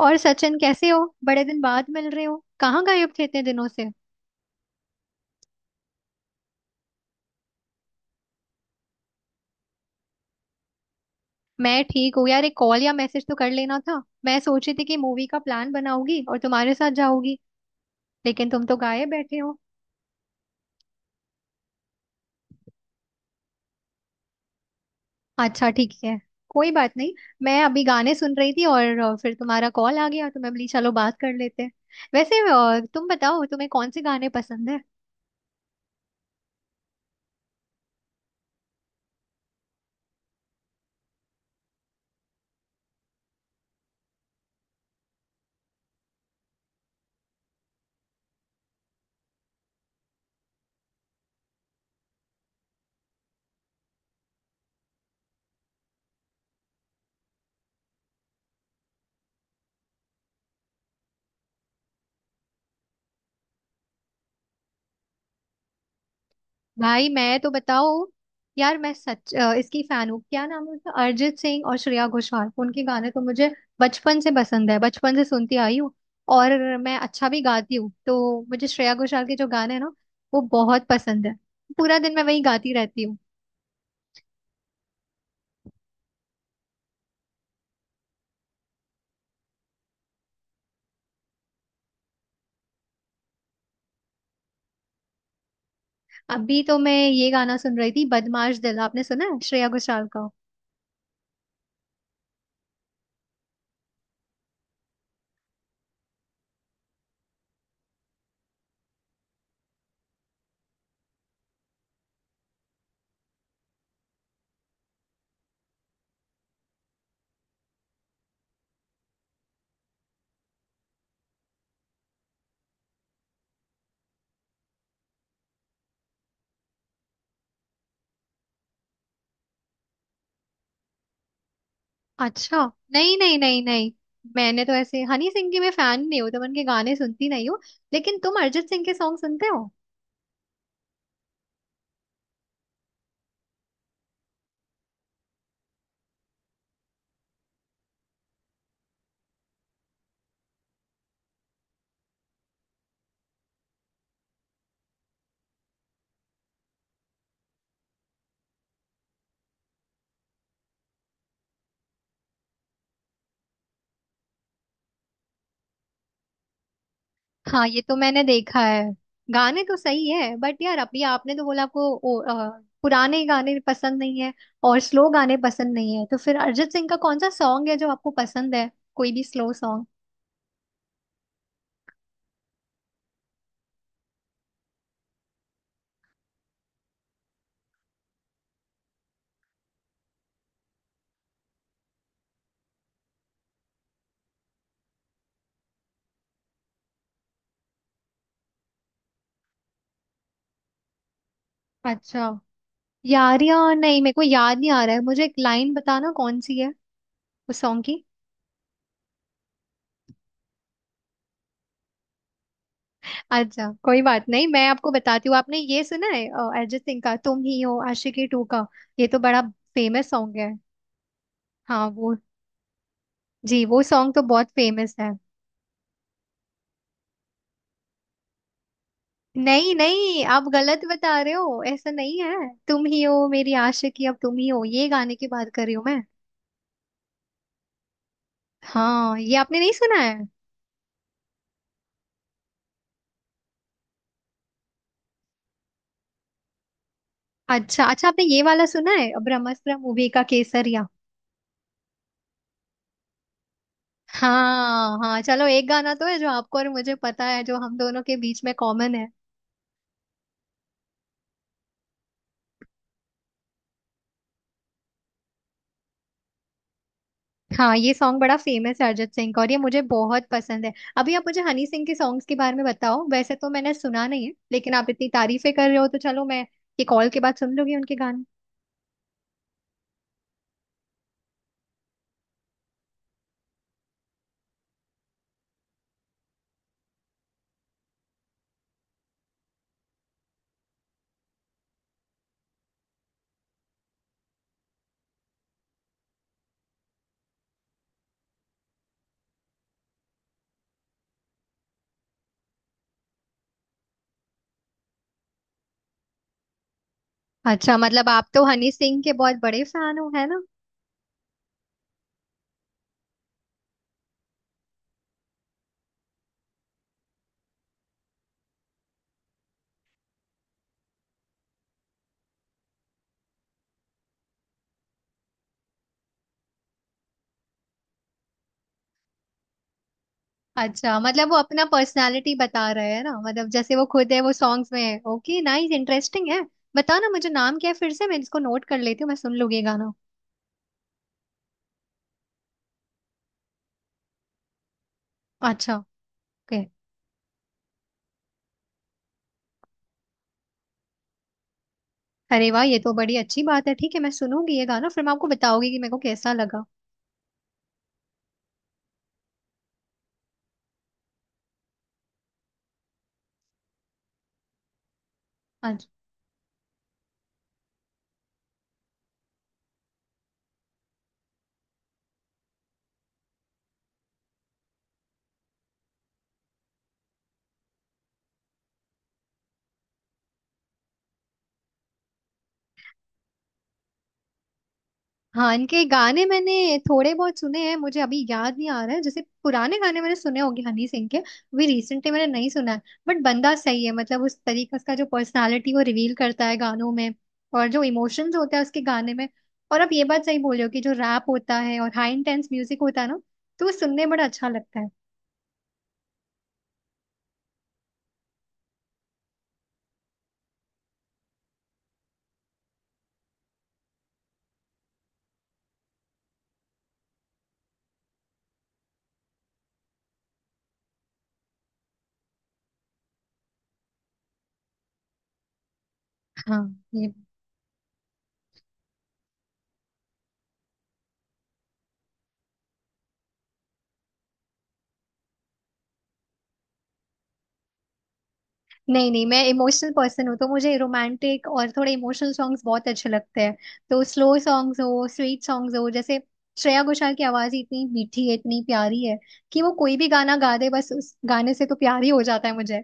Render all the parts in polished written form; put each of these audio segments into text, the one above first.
और सचिन कैसे हो। बड़े दिन बाद मिल रहे हो, कहाँ गायब थे इतने दिनों से। मैं ठीक हूँ यार, एक कॉल या मैसेज तो कर लेना था। मैं सोची थी कि मूवी का प्लान बनाऊंगी और तुम्हारे साथ जाऊंगी, लेकिन तुम तो गायब बैठे हो। अच्छा ठीक है, कोई बात नहीं। मैं अभी गाने सुन रही थी और फिर तुम्हारा कॉल आ गया तो मैं बोली चलो बात कर लेते हैं। वैसे तुम बताओ तुम्हें कौन से गाने पसंद है। भाई मैं तो बताओ यार, मैं सच इसकी फैन हूँ, क्या नाम है उसका, अरिजीत सिंह और श्रेया घोषाल। उनके गाने तो मुझे बचपन से पसंद है, बचपन से सुनती आई हूँ। और मैं अच्छा भी गाती हूँ तो मुझे श्रेया घोषाल के जो गाने हैं ना वो बहुत पसंद है। पूरा दिन मैं वही गाती रहती हूँ। अभी तो मैं ये गाना सुन रही थी, बदमाश दिल, आपने सुना है श्रेया घोषाल का? अच्छा। नहीं नहीं नहीं नहीं, मैंने तो ऐसे हनी सिंह की मैं फैन नहीं हूँ तो मैं उनके गाने सुनती नहीं हूँ। लेकिन तुम अरिजीत सिंह के सॉन्ग सुनते हो? हाँ ये तो मैंने देखा है। गाने तो सही है बट यार, अभी आपने तो बोला आपको पुराने गाने पसंद नहीं है और स्लो गाने पसंद नहीं है, तो फिर अरिजीत सिंह का कौन सा सॉन्ग है जो आपको पसंद है? कोई भी स्लो सॉन्ग। अच्छा, यारियां, नहीं मेरे को याद नहीं आ रहा है, मुझे एक लाइन बताना कौन सी है उस सॉन्ग की। अच्छा कोई बात नहीं, मैं आपको बताती हूँ। आपने ये सुना है अरिजीत सिंह का तुम ही हो, आशिकी टू का? ये तो बड़ा फेमस सॉन्ग है। हाँ वो जी, वो सॉन्ग तो बहुत फेमस है। नहीं नहीं आप गलत बता रहे हो, ऐसा नहीं है। तुम ही हो मेरी आशिकी अब, तुम ही हो, ये गाने की बात कर रही हूँ मैं। हाँ ये आपने नहीं सुना है। अच्छा अच्छा, आपने ये वाला सुना है, ब्रह्मास्त्र मूवी का, केसरिया? हाँ हाँ, चलो एक गाना तो है जो आपको और मुझे पता है, जो हम दोनों के बीच में कॉमन है। हाँ ये सॉन्ग बड़ा फेमस है अरिजीत सिंह का, और ये मुझे बहुत पसंद है। अभी आप मुझे हनी सिंह के सॉन्ग्स के बारे में बताओ, वैसे तो मैंने सुना नहीं है लेकिन आप इतनी तारीफें कर रहे हो तो चलो मैं ये कॉल के बाद सुन लूंगी उनके गाने। अच्छा मतलब आप तो हनी सिंह के बहुत बड़े फैन हो, है ना? अच्छा मतलब वो अपना पर्सनालिटी बता रहे हैं ना, मतलब जैसे वो खुद है वो सॉन्ग्स में है। ओके, नाइस, इंटरेस्टिंग है। बताओ ना मुझे, नाम क्या है फिर से, मैं इसको नोट कर लेती हूँ, मैं सुन लूंगी ये गाना। अच्छा। ओके। अरे वाह, ये तो बड़ी अच्छी बात है। ठीक है मैं सुनूंगी ये गाना, फिर मैं आपको बताऊंगी कि मेरे को कैसा लगा। अच्छा। हाँ इनके गाने मैंने थोड़े बहुत सुने हैं, मुझे अभी याद नहीं आ रहा है, जैसे पुराने गाने मैंने सुने होंगे हनी सिंह के, अभी रिसेंटली मैंने नहीं सुना है। बट बंदा सही है, मतलब उस तरीका उसका, जो पर्सनालिटी वो रिवील करता है गानों में, और जो इमोशंस होते हैं उसके गाने में। और आप ये बात सही बोल रहे हो कि जो रैप होता है और हाई इंटेंस म्यूजिक होता है ना, तो वो सुनने में बड़ा अच्छा लगता है। हाँ ये, नहीं नहीं, मैं इमोशनल पर्सन हूँ तो मुझे रोमांटिक और थोड़े इमोशनल सॉन्ग्स बहुत अच्छे लगते हैं। तो स्लो सॉन्ग्स हो, स्वीट सॉन्ग्स हो, जैसे श्रेया घोषाल की आवाज ही इतनी मीठी है, इतनी प्यारी है, कि वो कोई भी गाना गा दे, बस उस गाने से तो प्यार ही हो जाता है मुझे,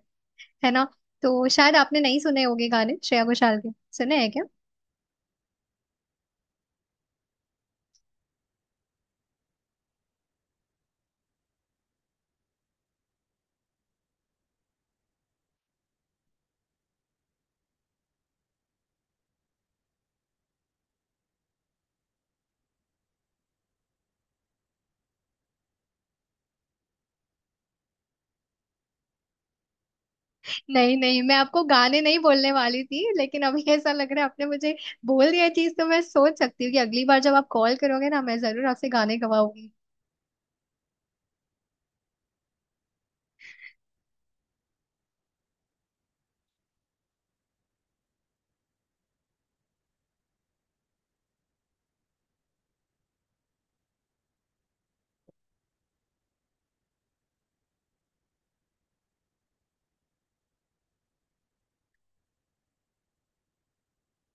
है ना। तो शायद आपने नहीं सुने होंगे गाने श्रेया घोषाल के, सुने हैं क्या? नहीं नहीं, मैं आपको गाने नहीं बोलने वाली थी, लेकिन अभी ऐसा लग रहा है आपने मुझे बोल दिया चीज, तो मैं सोच सकती हूँ कि अगली बार जब आप कॉल करोगे ना, मैं जरूर आपसे गाने गवाऊंगी।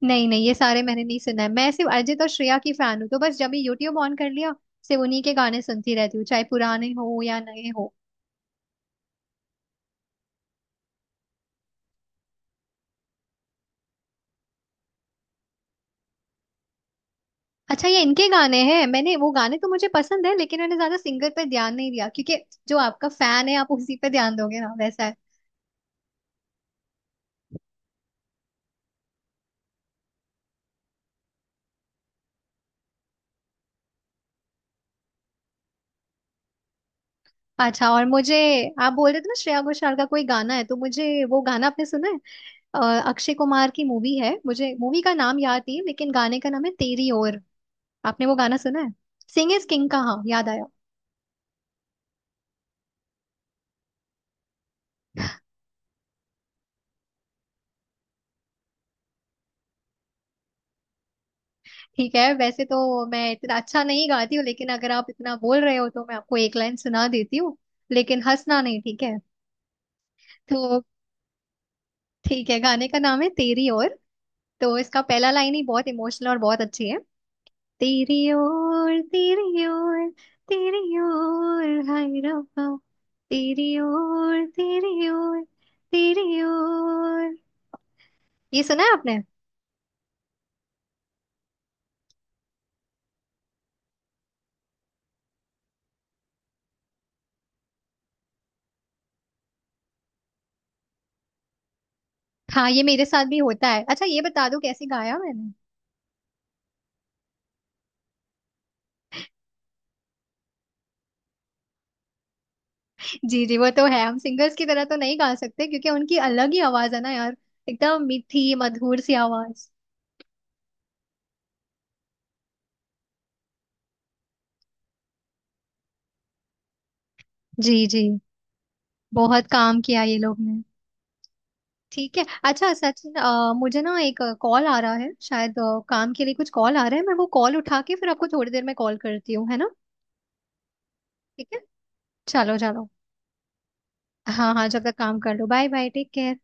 नहीं नहीं ये सारे मैंने नहीं सुना है, मैं सिर्फ अरिजीत और श्रेया की फैन हूँ, तो बस जब भी यूट्यूब ऑन कर लिया सिर्फ उन्हीं के गाने सुनती रहती हूँ, चाहे पुराने हो या नए हो। अच्छा ये इनके गाने हैं, मैंने वो गाने तो मुझे पसंद है, लेकिन मैंने ज्यादा सिंगर पे ध्यान नहीं दिया, क्योंकि जो आपका फैन है आप उसी पे ध्यान दोगे ना, वैसा है। अच्छा, और मुझे आप बोल रहे थे ना श्रेया घोषाल का कोई गाना है, तो मुझे वो गाना, आपने सुना है अक्षय कुमार की मूवी है, मुझे मूवी का नाम याद नहीं है, लेकिन गाने का नाम है तेरी ओर। आपने वो गाना सुना है? सिंग इज किंग का, हाँ याद आया। ठीक है वैसे तो मैं इतना अच्छा नहीं गाती हूँ, लेकिन अगर आप इतना बोल रहे हो तो मैं आपको एक लाइन सुना देती हूँ, लेकिन हंसना नहीं, ठीक है? तो ठीक है, गाने का नाम है तेरी ओर, तो इसका पहला लाइन ही बहुत इमोशनल और बहुत अच्छी है। तेरी ओर तेरी ओर, तेरी ओर हाय रब्बा, तेरी ओर तेरी ओर, तेरी ओर। ये सुना है आपने? हाँ ये मेरे साथ भी होता है। अच्छा ये बता दो कैसे गाया मैंने? जी जी वो तो है, हम सिंगर्स की तरह तो नहीं गा सकते, क्योंकि उनकी अलग ही आवाज है ना यार, एकदम मीठी मधुर सी आवाज। जी जी, बहुत काम किया ये लोग ने। ठीक है अच्छा सचिन, मुझे ना एक कॉल आ रहा है, शायद काम के लिए कुछ कॉल आ रहा है, मैं वो कॉल उठा के फिर आपको थोड़ी देर में कॉल करती हूँ, है ना? ठीक है, चलो चलो। हाँ हाँ जब तक काम कर लो, बाय बाय, टेक केयर।